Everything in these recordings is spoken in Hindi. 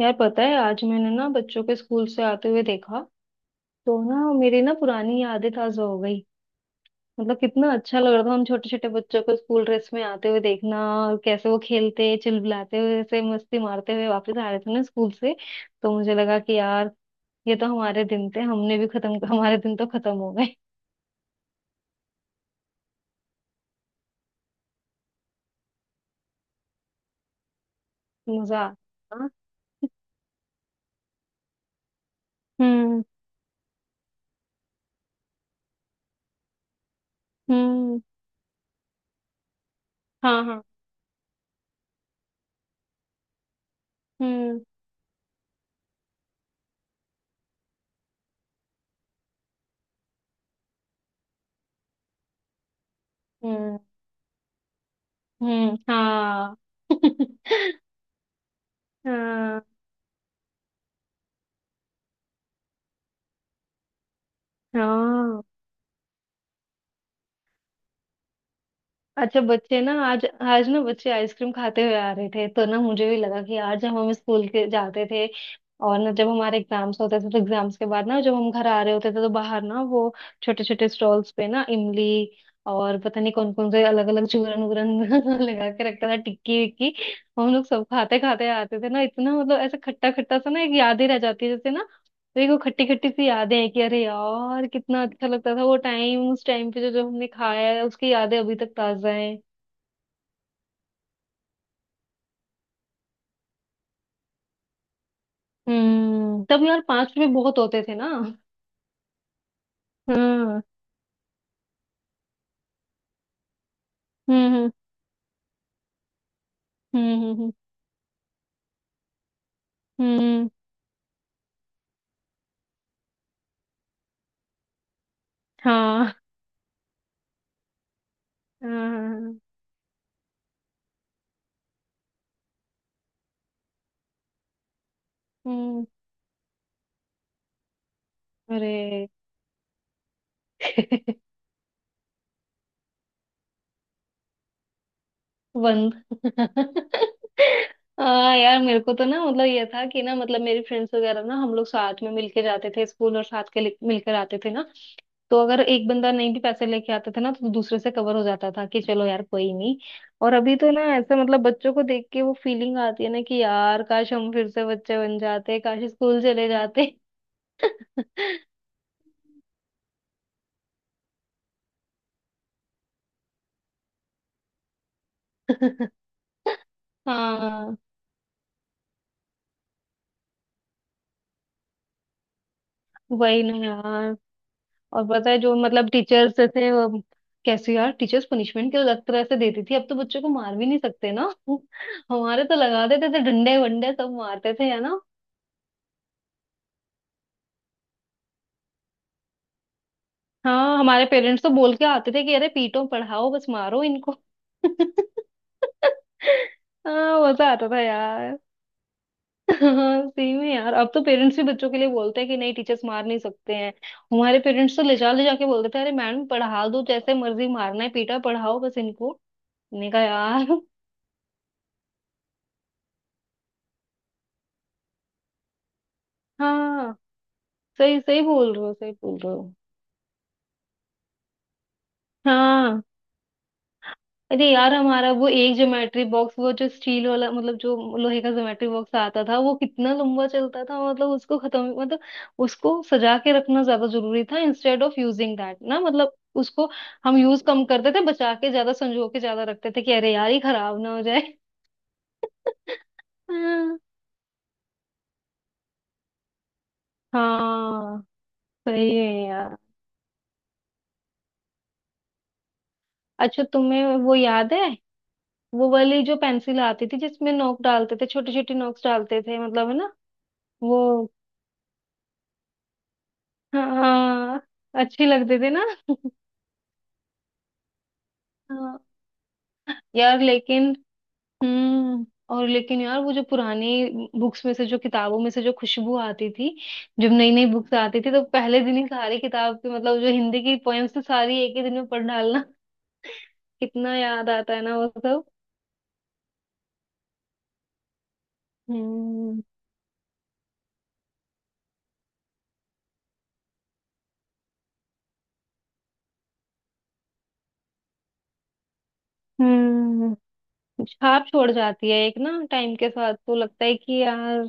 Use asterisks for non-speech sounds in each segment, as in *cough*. यार पता है आज मैंने ना बच्चों के स्कूल से आते हुए देखा। तो ना मेरी ना पुरानी यादें ताजा हो गई। मतलब कितना अच्छा लग रहा था हम छोटे छोटे बच्चों को स्कूल ड्रेस में आते हुए देखना। और कैसे वो खेलते चिल्लाते हुए ऐसे मस्ती मारते हुए वापस आ रहे थे ना स्कूल से। तो मुझे लगा कि यार ये तो हमारे दिन थे हमने भी खत्म हमारे दिन तो खत्म हो गए। *laughs* मजा आ। हाँ? हम्म। हम्म। हाँ। हाँ। हम्म। हम्म। हम्म। हाँ। *laughs* हाँ। हाँ। अच्छा बच्चे ना आज आज ना बच्चे आइसक्रीम खाते हुए आ रहे थे तो ना मुझे भी लगा कि यार जब हम स्कूल के जाते थे और ना जब हमारे एग्जाम्स होते थे तो एग्जाम्स के बाद ना जब हम घर आ रहे होते थे तो बाहर ना वो छोटे छोटे स्टॉल्स पे ना इमली और पता नहीं कौन कौन से अलग अलग चूरन वूरन *laughs* लगा के रखता था टिक्की विक्की। हम लोग सब खाते खाते आते थे ना इतना मतलब ऐसा खट्टा खट्टा सा ना एक याद ही रह जाती है जैसे ना। देखो खट्टी खट्टी सी यादें हैं कि अरे यार कितना अच्छा लगता था वो टाइम। उस टाइम पे जो जो हमने खाया है उसकी यादें अभी तक ताजा हैं। तब यार 5 रुपए बहुत होते थे ना। हाँ। हम्म। हम्म। हम्म। हम्म। हम्म, हाँ। हाँ। हाँ, हम्म। अरे *laughs* बंद *laughs* हाँ यार मेरे को तो ना मतलब ये था कि ना मतलब मेरी फ्रेंड्स वगैरह ना हम लोग साथ में मिलके जाते थे स्कूल और मिलकर आते थे ना। तो अगर एक बंदा नहीं भी पैसे लेके आता था ना तो दूसरे से कवर हो जाता था कि चलो यार कोई नहीं। और अभी तो ना ऐसे मतलब बच्चों को देख के वो फीलिंग आती है ना कि यार काश हम फिर से बच्चे बन जाते काश स्कूल चले जाते। *laughs* हाँ वही ना यार। और पता है जो मतलब टीचर्स थे वो कैसे यार टीचर्स पनिशमेंट क्यों अलग तरह से देती थी। अब तो बच्चों को मार भी नहीं सकते ना। *laughs* हमारे तो लगा देते थे डंडे वंडे सब मारते थे है ना। हाँ हमारे पेरेंट्स तो बोल के आते थे कि अरे पीटो पढ़ाओ बस मारो इनको। *laughs* हाँ मजा आता था यार। *laughs* हाँ सही में यार अब तो पेरेंट्स भी बच्चों के लिए बोलते हैं कि नहीं टीचर्स मार नहीं सकते हैं। हमारे पेरेंट्स तो ले जा ले जाके बोलते थे अरे मैडम पढ़ा दो जैसे मर्जी मारना है पीटा पढ़ाओ बस इनको। मैंने कहा यार। हाँ सही सही बोल रहे हो सही बोल रहे हो। हाँ अरे यार हमारा वो एक ज्योमेट्री बॉक्स वो जो स्टील वाला मतलब जो लोहे का ज्योमेट्री बॉक्स आता था वो कितना लंबा चलता था। मतलब उसको खत्म मतलब उसको सजा के रखना ज्यादा जरूरी था इंस्टेड ऑफ यूजिंग दैट ना मतलब उसको हम यूज कम करते थे बचा के ज्यादा संजो के ज्यादा रखते थे कि अरे यार ये खराब ना हो जाए। *laughs* हाँ सही है यार। अच्छा तुम्हें वो याद है वो वाली जो पेंसिल आती थी जिसमें नोक डालते थे छोटी छोटी नोक्स डालते थे मतलब है ना। वो हाँ अच्छी लगते थे ना। *laughs* हाँ यार लेकिन हम्म और लेकिन यार वो जो पुरानी बुक्स में से जो किताबों में से जो खुशबू आती थी जब नई नई बुक्स आती थी तो पहले दिन ही सारी किताब की मतलब जो हिंदी की पोएम्स थी सारी एक ही दिन में पढ़ डालना। *laughs* कितना याद आता है ना वो सब। हम्म। हम्म। छाप छोड़ जाती है एक ना टाइम के साथ तो लगता है कि यार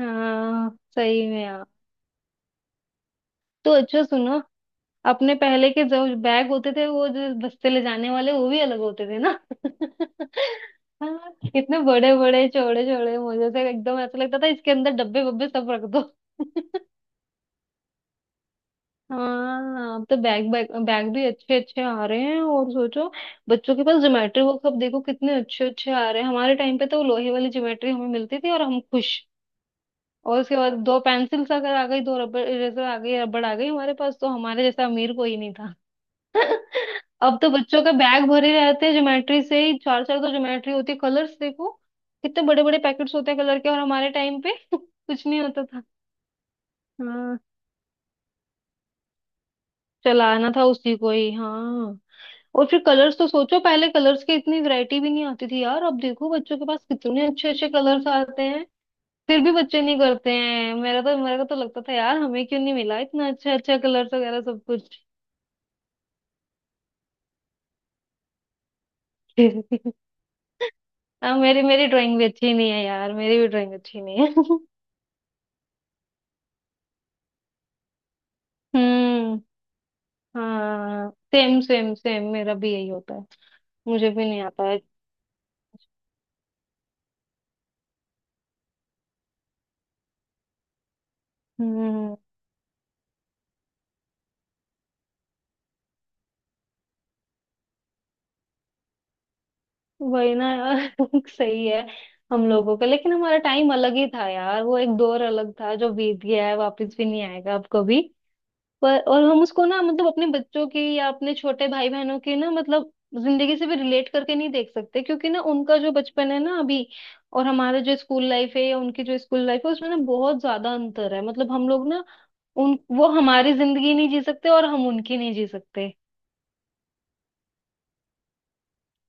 हाँ सही में यार। तो अच्छा सुनो अपने पहले के जो बैग होते थे वो जो बस्ते ले जाने वाले वो भी अलग होते थे ना। *laughs* हाँ इतने बड़े बड़े चौड़े चौड़े मुझे से एकदम ऐसा लगता था इसके अंदर डब्बे वब्बे सब रख दो। *laughs* हाँ अब तो बैग बैग बैग भी अच्छे अच्छे आ रहे हैं और सोचो बच्चों के पास ज्योमेट्री बॉक्स अब देखो कितने अच्छे अच्छे आ रहे हैं। हमारे टाइम पे तो वो लोहे वाली ज्योमेट्री हमें मिलती थी और हम खुश। और उसके बाद दो पेंसिल्स अगर आ गई दो रबड़ इरेजर आ गई रबड़ आ गई हमारे पास तो हमारे जैसा अमीर कोई नहीं था। *laughs* अब तो बच्चों के बैग भरे रहते हैं ज्योमेट्री से ही चार चार तो ज्योमेट्री होती है कलर्स देखो कितने बड़े बड़े पैकेट्स होते हैं कलर के। और हमारे टाइम पे *laughs* कुछ नहीं होता था। हाँ चलाना था उसी को ही। हाँ और फिर कलर्स तो सोचो पहले कलर्स की इतनी वैरायटी भी नहीं आती थी यार अब देखो बच्चों के पास कितने अच्छे अच्छे कलर्स आते फिर भी बच्चे नहीं करते हैं। मेरा तो मेरे को तो लगता था यार हमें क्यों नहीं मिला इतना अच्छा अच्छा कलर्स वगैरह सब कुछ। *laughs* हाँ मेरी मेरी ड्राइंग भी अच्छी नहीं है यार मेरी भी ड्राइंग अच्छी नहीं है। *laughs* हम्म। हाँ सेम सेम सेम मेरा भी यही होता है। मुझे भी नहीं आता है। हम्म वही ना यार। *laughs* सही है। हम लोगों का लेकिन हमारा टाइम अलग ही था यार वो एक दौर अलग था जो बीत गया है वापस भी नहीं आएगा अब कभी। पर और हम उसको ना मतलब अपने बच्चों की या अपने छोटे भाई बहनों की ना मतलब जिंदगी से भी रिलेट करके नहीं देख सकते क्योंकि ना उनका जो बचपन है ना अभी और हमारा जो स्कूल लाइफ है या उनकी जो स्कूल लाइफ है उसमें ना बहुत ज्यादा अंतर है। मतलब हम लोग ना उन वो हमारी जिंदगी नहीं जी सकते और हम उनकी नहीं जी सकते।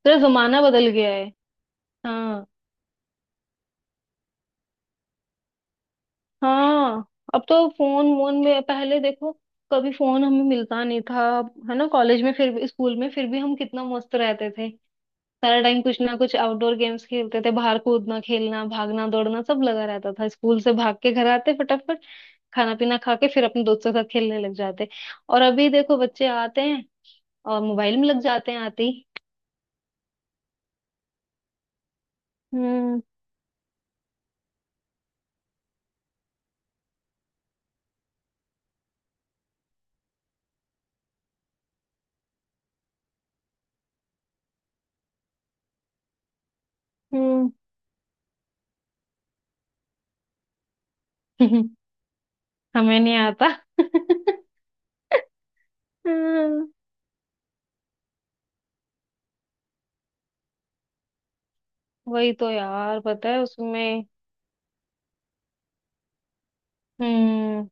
पूरा जमाना बदल गया है। हाँ। हाँ। अब तो फोन वोन में पहले देखो कभी फोन हमें मिलता नहीं था है ना। कॉलेज में फिर भी स्कूल में फिर भी हम कितना मस्त रहते थे। सारा टाइम कुछ ना कुछ आउटडोर गेम्स खेलते थे बाहर कूदना खेलना भागना दौड़ना सब लगा रहता था स्कूल से भाग के घर आते फटाफट खाना पीना खा के फिर अपने दोस्तों के साथ खेलने लग जाते। और अभी देखो बच्चे आते हैं और मोबाइल में लग जाते हैं आते ही। हम्म। हम्म। *laughs* हमें नहीं आता। *laughs* हम्म। वही तो यार पता है उसमें हम्म।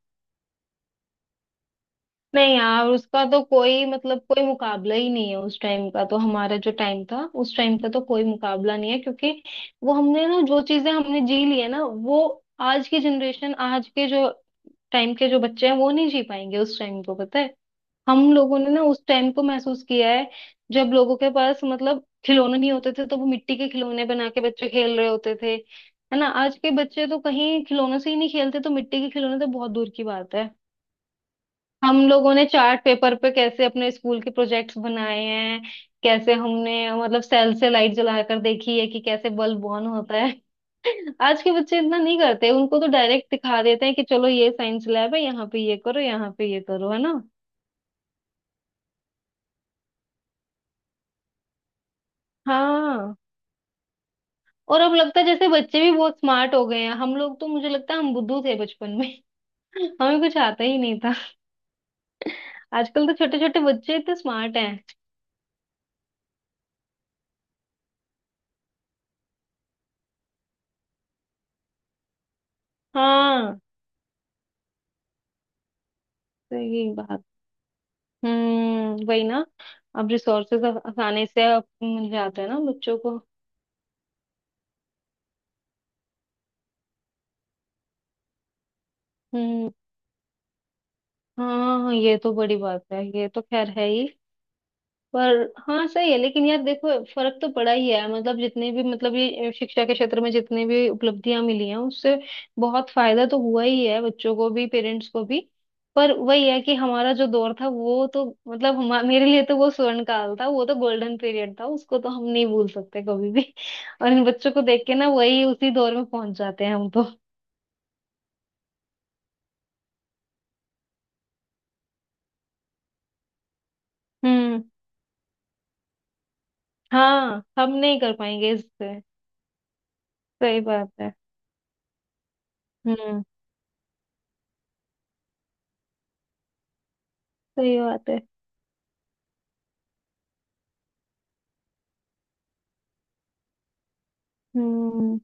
नहीं यार उसका तो कोई मतलब कोई मुकाबला ही नहीं है। उस टाइम का तो हमारा जो टाइम था उस टाइम का तो कोई मुकाबला नहीं है क्योंकि वो हमने ना जो चीजें हमने जी ली है ना वो आज की जनरेशन आज के जो टाइम के जो बच्चे हैं वो नहीं जी पाएंगे उस टाइम को पता है। हम लोगों ने ना उस टाइम को महसूस किया है जब लोगों के पास मतलब खिलौने नहीं होते थे तो वो मिट्टी के खिलौने बना के बच्चे खेल रहे होते थे। है ना आज के बच्चे तो कहीं खिलौनों से ही नहीं खेलते तो मिट्टी के खिलौने तो बहुत दूर की बात है। हम लोगों ने चार्ट पेपर पे कैसे अपने स्कूल के प्रोजेक्ट्स बनाए हैं कैसे हमने मतलब सेल से लाइट जलाकर देखी है कि कैसे बल्ब ऑन होता है। *laughs* आज के बच्चे इतना नहीं करते उनको तो डायरेक्ट दिखा देते हैं कि चलो ये साइंस लैब है यहाँ पे ये करो यहाँ पे ये करो है ना। हाँ। और अब लगता है जैसे बच्चे भी बहुत स्मार्ट हो गए हैं। हम लोग तो मुझे लगता है हम बुद्धू थे बचपन में। *laughs* हमें कुछ आता ही नहीं था। आजकल तो छोटे छोटे बच्चे इतने स्मार्ट हैं। हाँ सही बात। वही ना। अब रिसोर्सेज आसानी से अब मिल जाते हैं ना बच्चों को। हम्म हाँ ये तो बड़ी बात है ये तो खैर है ही। पर हाँ सही है लेकिन यार देखो फर्क तो पड़ा ही है मतलब जितने भी मतलब ये शिक्षा के क्षेत्र में जितने भी उपलब्धियां मिली हैं उससे बहुत फायदा तो हुआ ही है बच्चों को भी पेरेंट्स को भी। पर वही है कि हमारा जो दौर था वो तो मतलब मेरे लिए तो वो स्वर्ण काल था वो तो गोल्डन पीरियड था उसको तो हम नहीं भूल सकते कभी भी। *laughs* और इन बच्चों को देख के ना वही उसी दौर में पहुंच जाते हैं हम तो। हम्म। हाँ हम नहीं कर पाएंगे इससे। सही बात है। हम्म सही बात है। हम्म।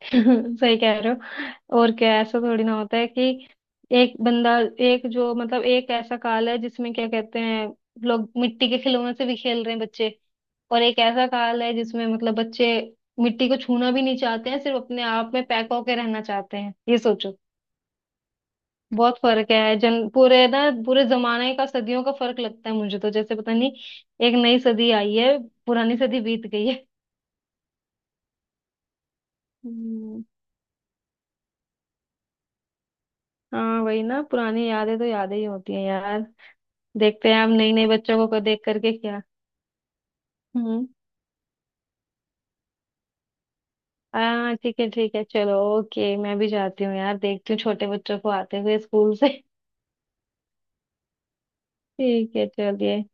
*laughs* सही कह रहे हो। और क्या ऐसा थोड़ी ना होता है कि एक बंदा एक जो मतलब एक ऐसा काल है जिसमें क्या कहते हैं लोग मिट्टी के खिलौने से भी खेल रहे हैं बच्चे। और एक ऐसा काल है जिसमें मतलब बच्चे मिट्टी को छूना भी नहीं चाहते हैं सिर्फ अपने आप में पैक होके रहना चाहते हैं ये सोचो। बहुत फर्क है जन पूरे ना पूरे जमाने का सदियों का फर्क लगता है मुझे तो जैसे पता नहीं एक नई सदी आई है पुरानी सदी बीत गई है। हम्म, हाँ वही ना पुरानी यादें तो यादें ही होती हैं यार। देखते हैं हम नई नई बच्चों को देख करके क्या। हम्म हाँ ठीक है चलो ओके मैं भी जाती हूँ यार देखती हूँ छोटे बच्चों को आते हुए स्कूल से। *laughs* ठीक है चलिए।